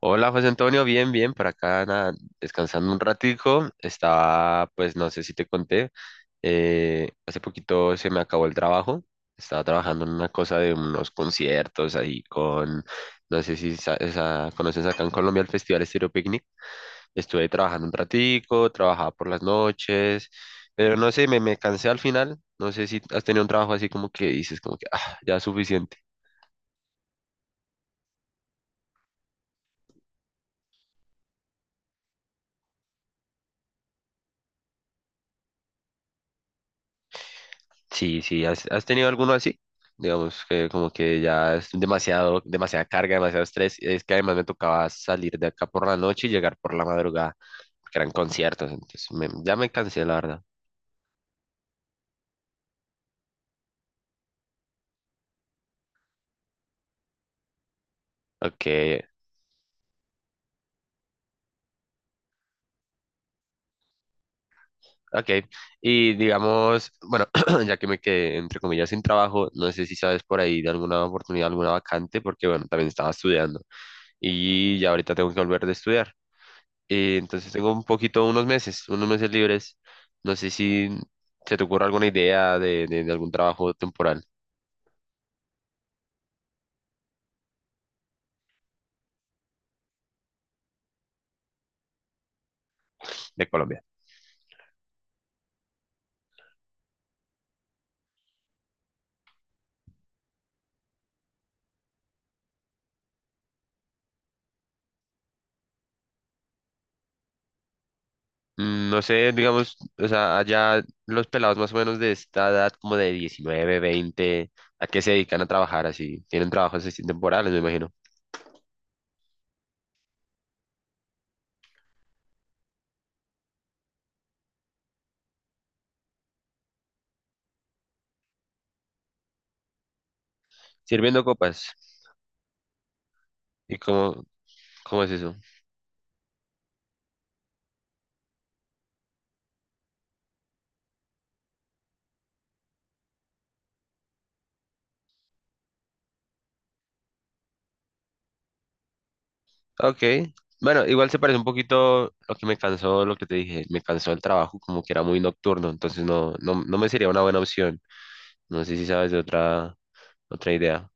Hola José Antonio, bien, bien, por acá nada, descansando un ratico, estaba, pues no sé si te conté, hace poquito se me acabó el trabajo, estaba trabajando en una cosa de unos conciertos ahí con, no sé si conoces acá en Colombia el Festival Estéreo Picnic, estuve trabajando un ratico, trabajaba por las noches, pero no sé, me cansé al final, no sé si has tenido un trabajo así como que dices, como que, ah, ya es suficiente. Sí, sí, ¿has tenido alguno así? Digamos que como que ya es demasiado, demasiada carga, demasiado estrés. Es que además me tocaba salir de acá por la noche y llegar por la madrugada, porque eran conciertos, entonces ya me cansé, la verdad. Ok, ok, y digamos, bueno, ya que me quedé entre comillas sin trabajo, no sé si sabes por ahí de alguna oportunidad, alguna vacante, porque bueno, también estaba estudiando y ya ahorita tengo que volver de estudiar. Entonces tengo un poquito, unos meses libres. No sé si se te ocurre alguna idea de algún trabajo temporal de Colombia. Mm, no sé, digamos, o sea, allá los pelados más o menos de esta edad, como de 19 20, ¿a qué se dedican a trabajar así? Tienen trabajos así temporales, me imagino. Sirviendo copas. ¿Y cómo es eso? Ok. Bueno, igual se parece un poquito lo que me cansó, lo que te dije, me cansó el trabajo, como que era muy nocturno, entonces no me sería una buena opción. No sé si sabes de otra idea.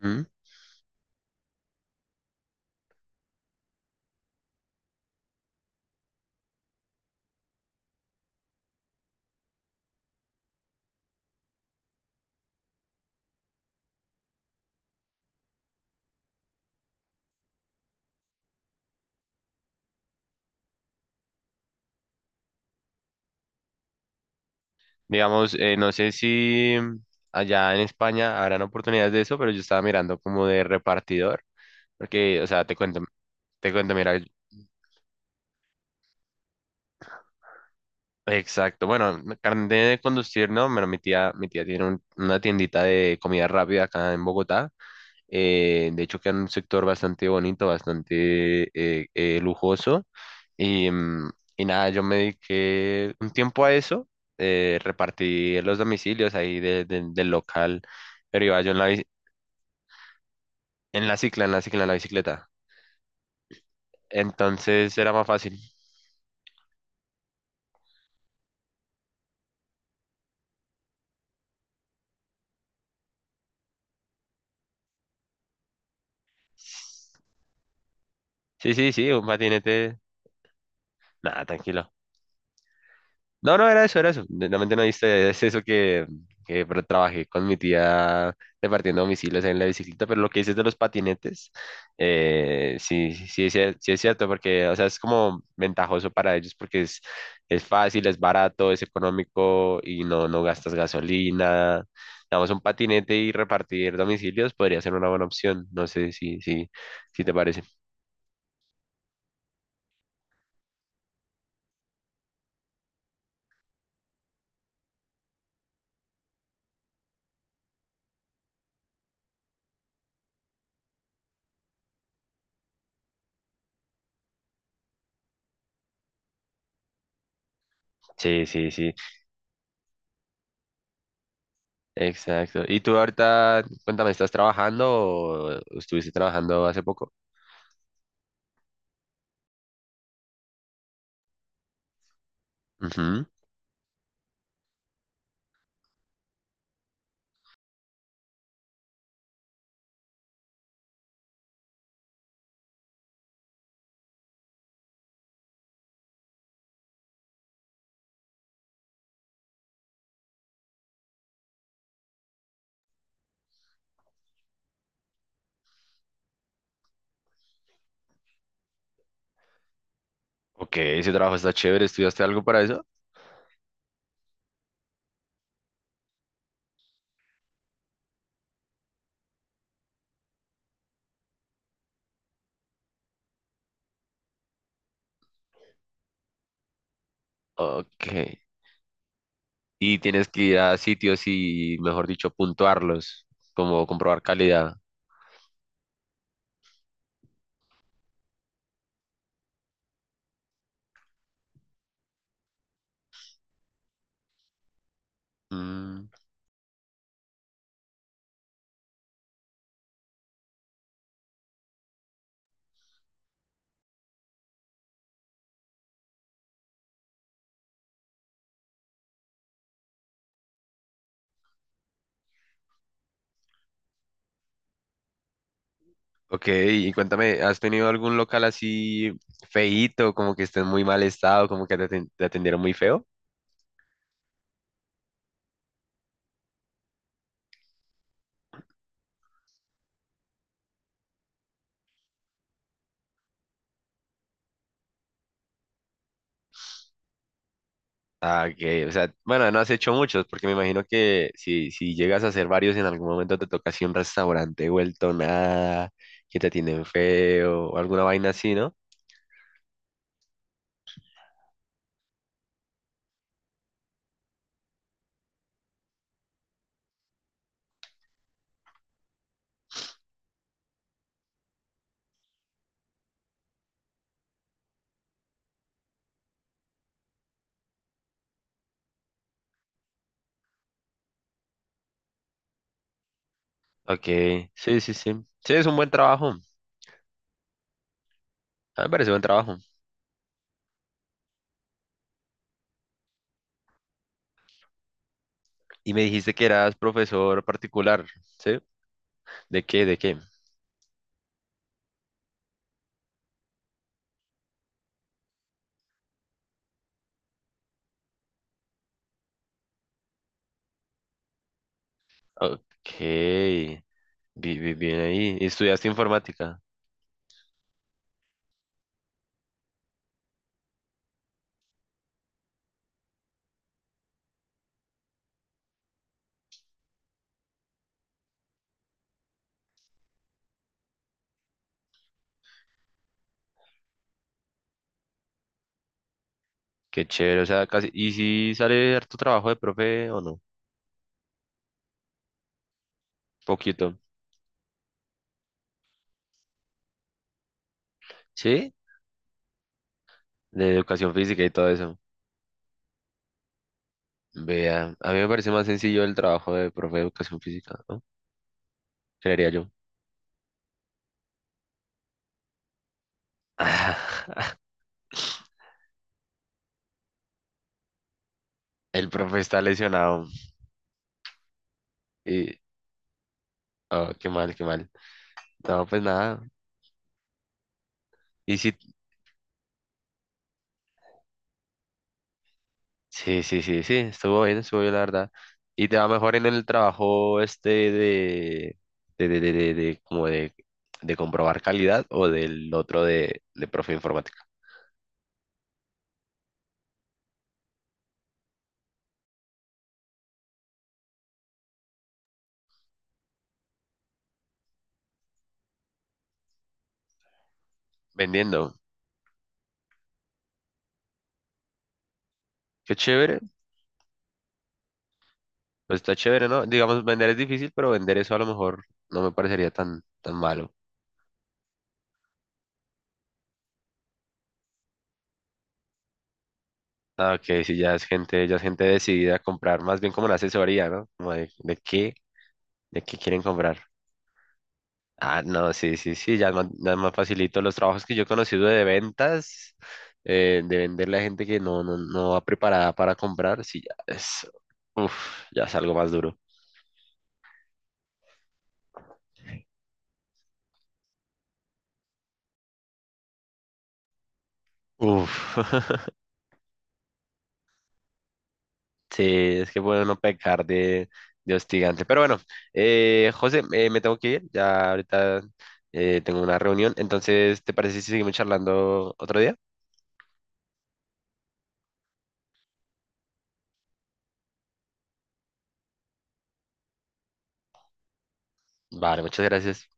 ¿Mm? Digamos, no sé si allá en España habrán oportunidades de eso, pero yo estaba mirando como de repartidor, porque, o sea, te cuento, mira, exacto, bueno, carnet de conducir, ¿no? Pero mi tía tiene una tiendita de comida rápida acá en Bogotá. De hecho, queda en un sector bastante bonito, bastante lujoso. Y, mm, y nada, yo me dediqué un tiempo a eso. Repartí los domicilios ahí del local, pero iba yo en la cicla, en la bicicleta. Entonces era más fácil. Sí, sí, sí, un patinete. Nada, tranquilo. No, no, era eso, era eso. Realmente no viste, es eso que, trabajé con mi tía repartiendo domicilios en la bicicleta, pero lo que dices de los patinetes, sí, sí, sí es cierto, porque, o sea, es como ventajoso para ellos porque es fácil, es barato, es económico y no gastas gasolina. Damos un patinete y repartir domicilios podría ser una buena opción, no sé si te parece. Sí, sí, sí, exacto. ¿Y tú ahorita, cuéntame, estás trabajando o estuviste trabajando hace poco? Ujú. Ok, ese trabajo está chévere. ¿Estudiaste algo para eso? Ok. Y tienes que ir a sitios y, mejor dicho, puntuarlos, como comprobar calidad. Mm, ok, y cuéntame, ¿has tenido algún local así feíto, como que esté en muy mal estado, como que te atendieron muy feo? Ah, ok, o sea, bueno, no has hecho muchos, porque me imagino que si llegas a hacer varios, en algún momento te toca así un restaurante vuelto nada, que te atienden feo, o alguna vaina así, ¿no? Ok, sí, sí, sí. Sí, es un buen trabajo, a mí me parece buen trabajo. Y me dijiste que eras profesor particular, ¿sí? ¿De qué, de qué? Ok, bien ahí. ¿Y estudiaste informática? Qué chévere, o sea, casi. ¿Y si sale tu trabajo de profe o no? Poquito. ¿Sí? De educación física y todo eso. Vea, a mí me parece más sencillo el trabajo de profe de educación física, ¿no? Creería yo. El profe está lesionado. Y, oh, qué mal, qué mal. No, pues nada. Y sí, sí, sí, sí, sí, estuvo bien, la verdad. Y te va mejor en el trabajo este como de comprobar calidad o del otro de profe de informática. Vendiendo. Qué chévere. Pues está chévere, ¿no? Digamos, vender es difícil, pero vender eso a lo mejor no me parecería tan, tan malo. Ah, ok, sí, ya es gente decidida a comprar, más bien como una asesoría, ¿no? Como de qué, quieren comprar. Ah, no, sí, sí, sí, ya es más facilito. Los trabajos que yo he conocido de ventas, de venderle a gente que no va preparada para comprar, sí, ya es, uf, ya es algo más duro. Uf, sí, es que puede uno pecar de hostigante. Pero bueno, José, me tengo que ir, ya ahorita tengo una reunión, entonces, ¿te parece si seguimos charlando otro día? Vale, muchas gracias.